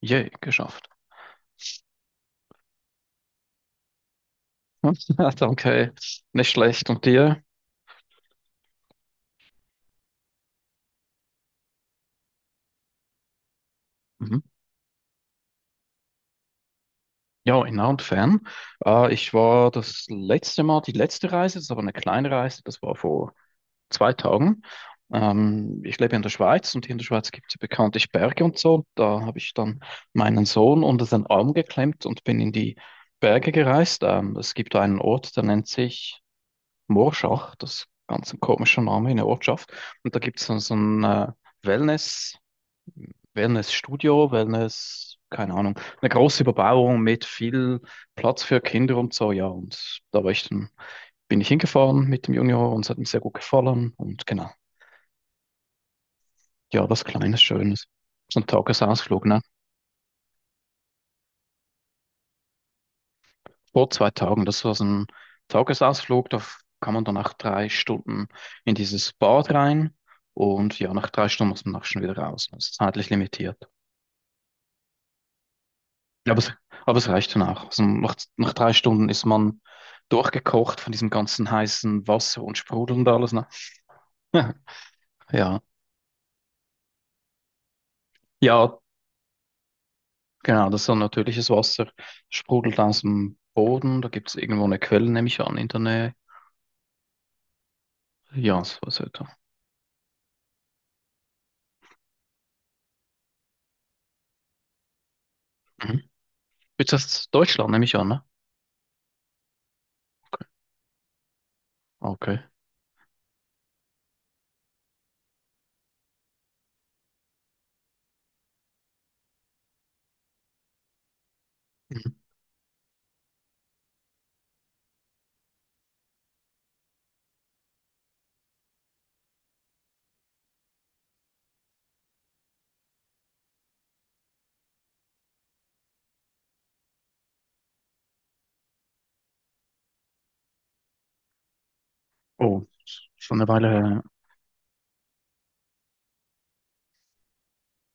Yay, geschafft. Danke, nicht schlecht. Und dir? Mhm. Ja, in nah und fern. Ich war das letzte Mal, die letzte Reise, das ist aber eine kleine Reise, das war vor 2 Tagen. Ich lebe in der Schweiz und hier in der Schweiz gibt es ja bekanntlich Berge und so. Da habe ich dann meinen Sohn unter seinen Arm geklemmt und bin in die Berge gereist. Es gibt einen Ort, der nennt sich Morschach, das ist ganz ein komischer Name in der Ortschaft. Und da gibt es so ein Wellness- Wellnessstudio, Wellness, keine Ahnung, eine große Überbauung mit viel Platz für Kinder und so, ja. Und da war ich dann, bin ich hingefahren mit dem Junior und es hat mir sehr gut gefallen. Und genau, ja, was Kleines, Schönes. So ein Tagesausflug, ne? Vor zwei Tagen, das war so ein Tagesausflug, da kann man dann nach 3 Stunden in dieses Bad rein und ja, nach 3 Stunden muss man auch schon wieder raus. Das ist zeitlich limitiert. Ja, aber es reicht dann auch. Also nach 3 Stunden ist man durchgekocht von diesem ganzen heißen Wasser und Sprudel und alles. Ne? Ja, ja, genau. Das ist so natürliches Wasser. Sprudelt aus dem Boden. Da gibt es irgendwo eine Quelle, nehme ich an, in der Nähe. Ja, so was etwa. Mhm. Jetzt das Deutschland, nehme ich an, ne? Okay. Mhm. Oh, schon eine Weile her.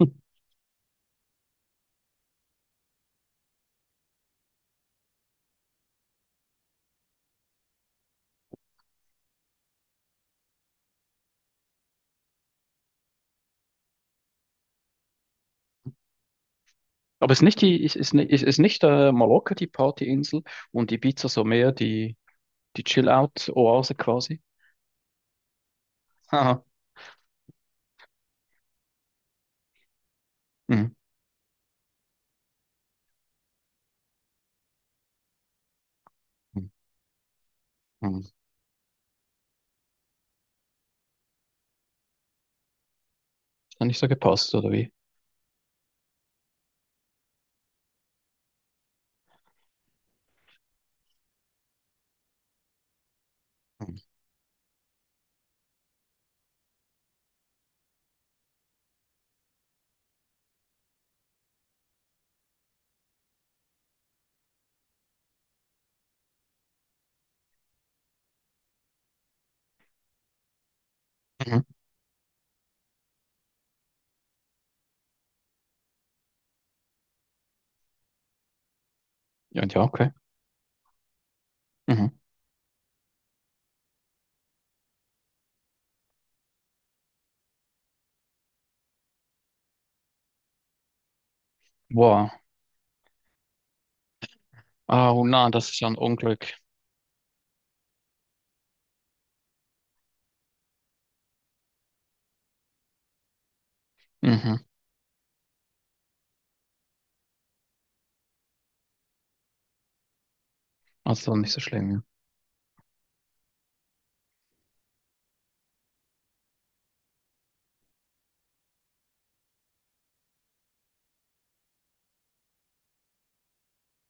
Ja. Aber ist nicht die, ist nicht Mallorca die Partyinsel und Ibiza so mehr die Chill-Out-Oase quasi? Haha. Mhm. Mhm. Mhm. Hat nicht so gepasst, oder wie? Mhm. Mhm. Ja, und ja, okay. Mhm. Wow. Ah, oh nein, das ist ja ein Unglück. Mhm. Also nicht so schlimm, ja.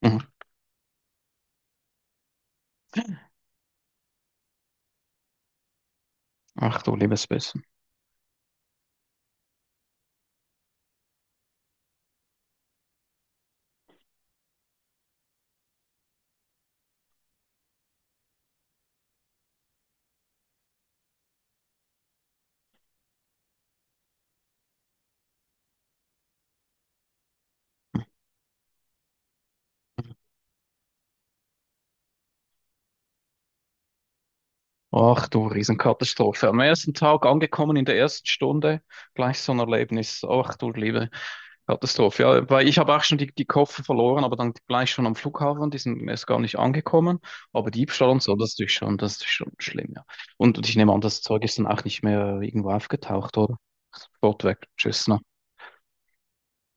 Mhm. Ach du liebes Bisschen. Ach du Riesenkatastrophe. Am ersten Tag angekommen in der ersten Stunde, gleich so ein Erlebnis. Ach du liebe Katastrophe. Ja, weil ich habe auch schon die Koffer verloren, aber dann gleich schon am Flughafen, die sind erst gar nicht angekommen. Aber Diebstahl und so, das ist natürlich schon, das ist schon schlimm, ja. Und ich nehme an, das Zeug ist dann auch nicht mehr irgendwo aufgetaucht, oder? Sofort weg. Tschüss, ne?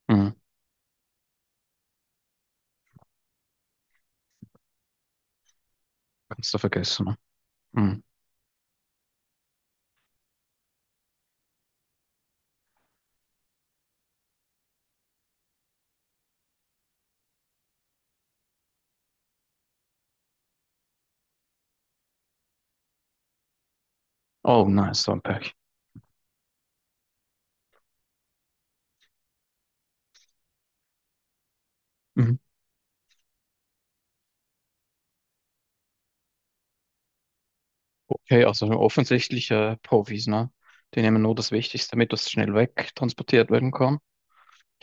Mhm. Kannst du vergessen, ne? Mhm. Oh nein, so ein Pech. Mhm. Okay, also ein offensichtlicher Profis, ne? Die nehmen nur das Wichtigste mit, das schnell wegtransportiert werden kann.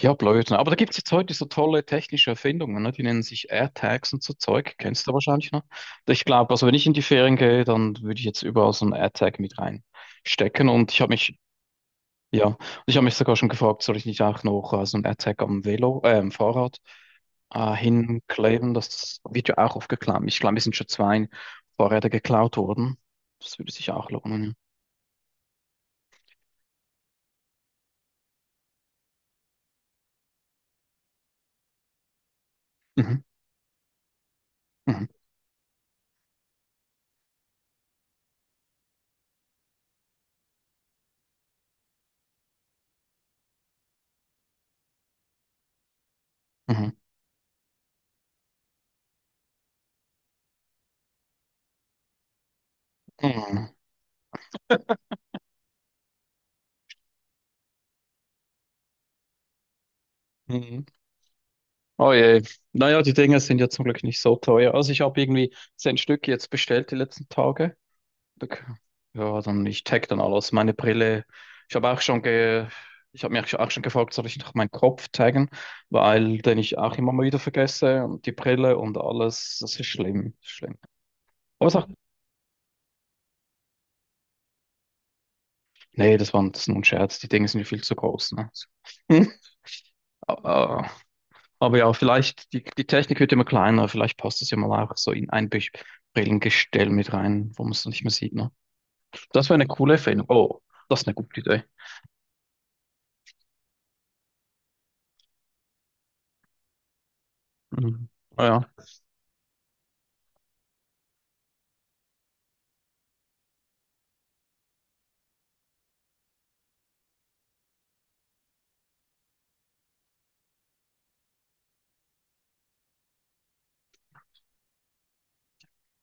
Ja, blöd, ne? Aber da gibt es jetzt heute so tolle technische Erfindungen, ne? Die nennen sich AirTags und so Zeug. Kennst du wahrscheinlich noch? Ich glaube, also wenn ich in die Ferien gehe, dann würde ich jetzt überall so einen AirTag mit reinstecken. Ja, und ich habe mich sogar schon gefragt, soll ich nicht auch noch so einen AirTag am Velo, am Fahrrad hinkleben? Das wird ja auch oft geklaut. Ich glaube, es sind schon zwei Fahrräder geklaut worden. Das würde sich auch lohnen, ja. Mhm, mhm, mhm, mhm, mhm. Oh je. Naja, die Dinger sind ja zum Glück nicht so teuer. Also ich habe irgendwie 10 Stück jetzt bestellt die letzten Tage. Da ja, dann ich tag dann alles. Meine Brille. Ich habe auch schon ge Ich habe mich auch schon gefragt, soll ich noch meinen Kopf taggen, weil den ich auch immer mal wieder vergesse und die Brille und alles, das ist schlimm, das ist schlimm. Aber sag, nee, das ist nur ein Scherz, die Dinge sind ja viel zu groß, ne? Aber ja, vielleicht, die Technik wird immer kleiner, vielleicht passt es ja mal auch so in ein Brillengestell mit rein, wo man es nicht mehr sieht, ne? Das wäre eine coole Erfindung. Oh, das ist eine gute Idee. Mhm. Ah, ja,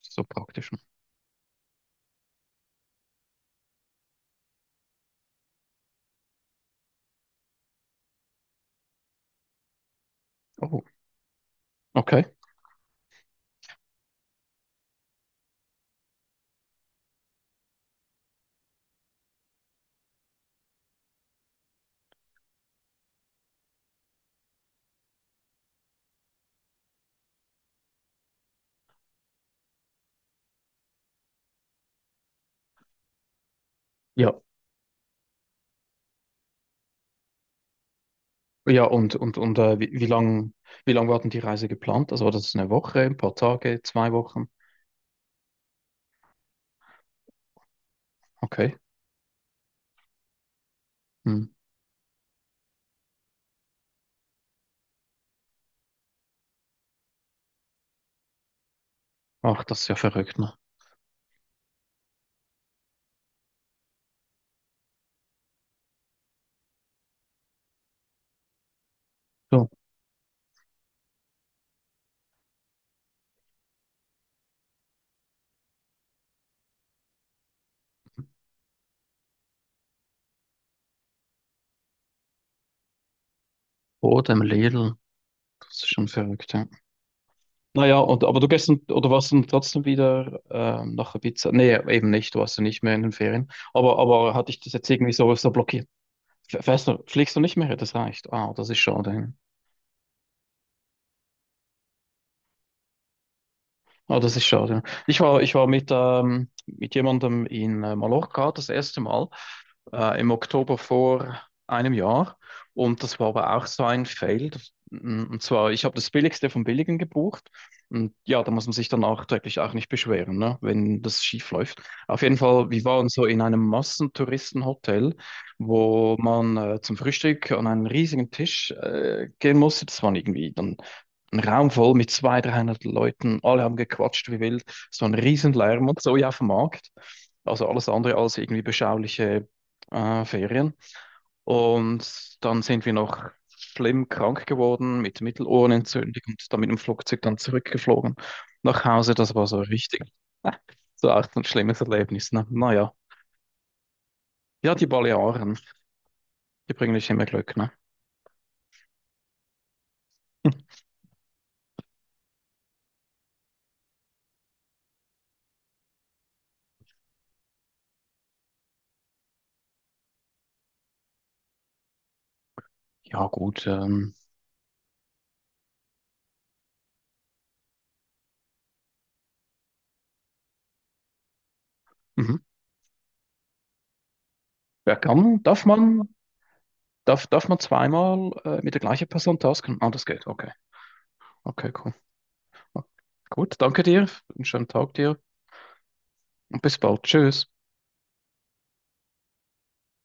so praktisch, ne? Oh, okay. Ja, ja, und wie lang war denn die Reise geplant? Also war das eine Woche, ein paar Tage, 2 Wochen? Okay. Hm. Ach, das ist ja verrückt, ne? So, Boden, Lidl, das ist schon verrückt, ja. Naja, und, aber du gehst dann, oder warst dann trotzdem wieder nach Ibiza? Nee, eben nicht, du warst ja nicht mehr in den Ferien. Aber hatte ich das jetzt irgendwie so, blockiert? Fährst du, fliegst du nicht mehr? Das reicht. Ah, das ist schade. Ah, das ist schade. Ja. Ich war mit jemandem in Mallorca das erste Mal im Oktober vor einem Jahr und das war aber auch so ein Fail. Das- Und zwar, ich habe das Billigste vom Billigen gebucht und ja, da muss man sich dann nachträglich auch nicht beschweren, ne, wenn das schief läuft. Auf jeden Fall, wir waren so in einem Massentouristenhotel, wo man zum Frühstück an einen riesigen Tisch gehen musste. Das waren irgendwie dann ein Raum voll mit 200 300 Leuten, alle haben gequatscht wie wild, so ein Riesenlärm und so ja auf dem Markt. Also alles andere als irgendwie beschauliche Ferien. Und dann sind wir noch schlimm krank geworden mit Mittelohrenentzündung und dann mit dem Flugzeug dann zurückgeflogen nach Hause. Das war so richtig, äh, so auch ein schlimmes Erlebnis. Ne? Naja, ja, ja, die Balearen, die bringen nicht immer Glück. Ne? Ja, gut. Mhm. Wer kann, darf man Darf, darf man zweimal mit der gleichen Person tasken? Ah, das geht. Okay. Okay, cool. Gut, danke dir. Einen schönen Tag dir und bis bald. Tschüss.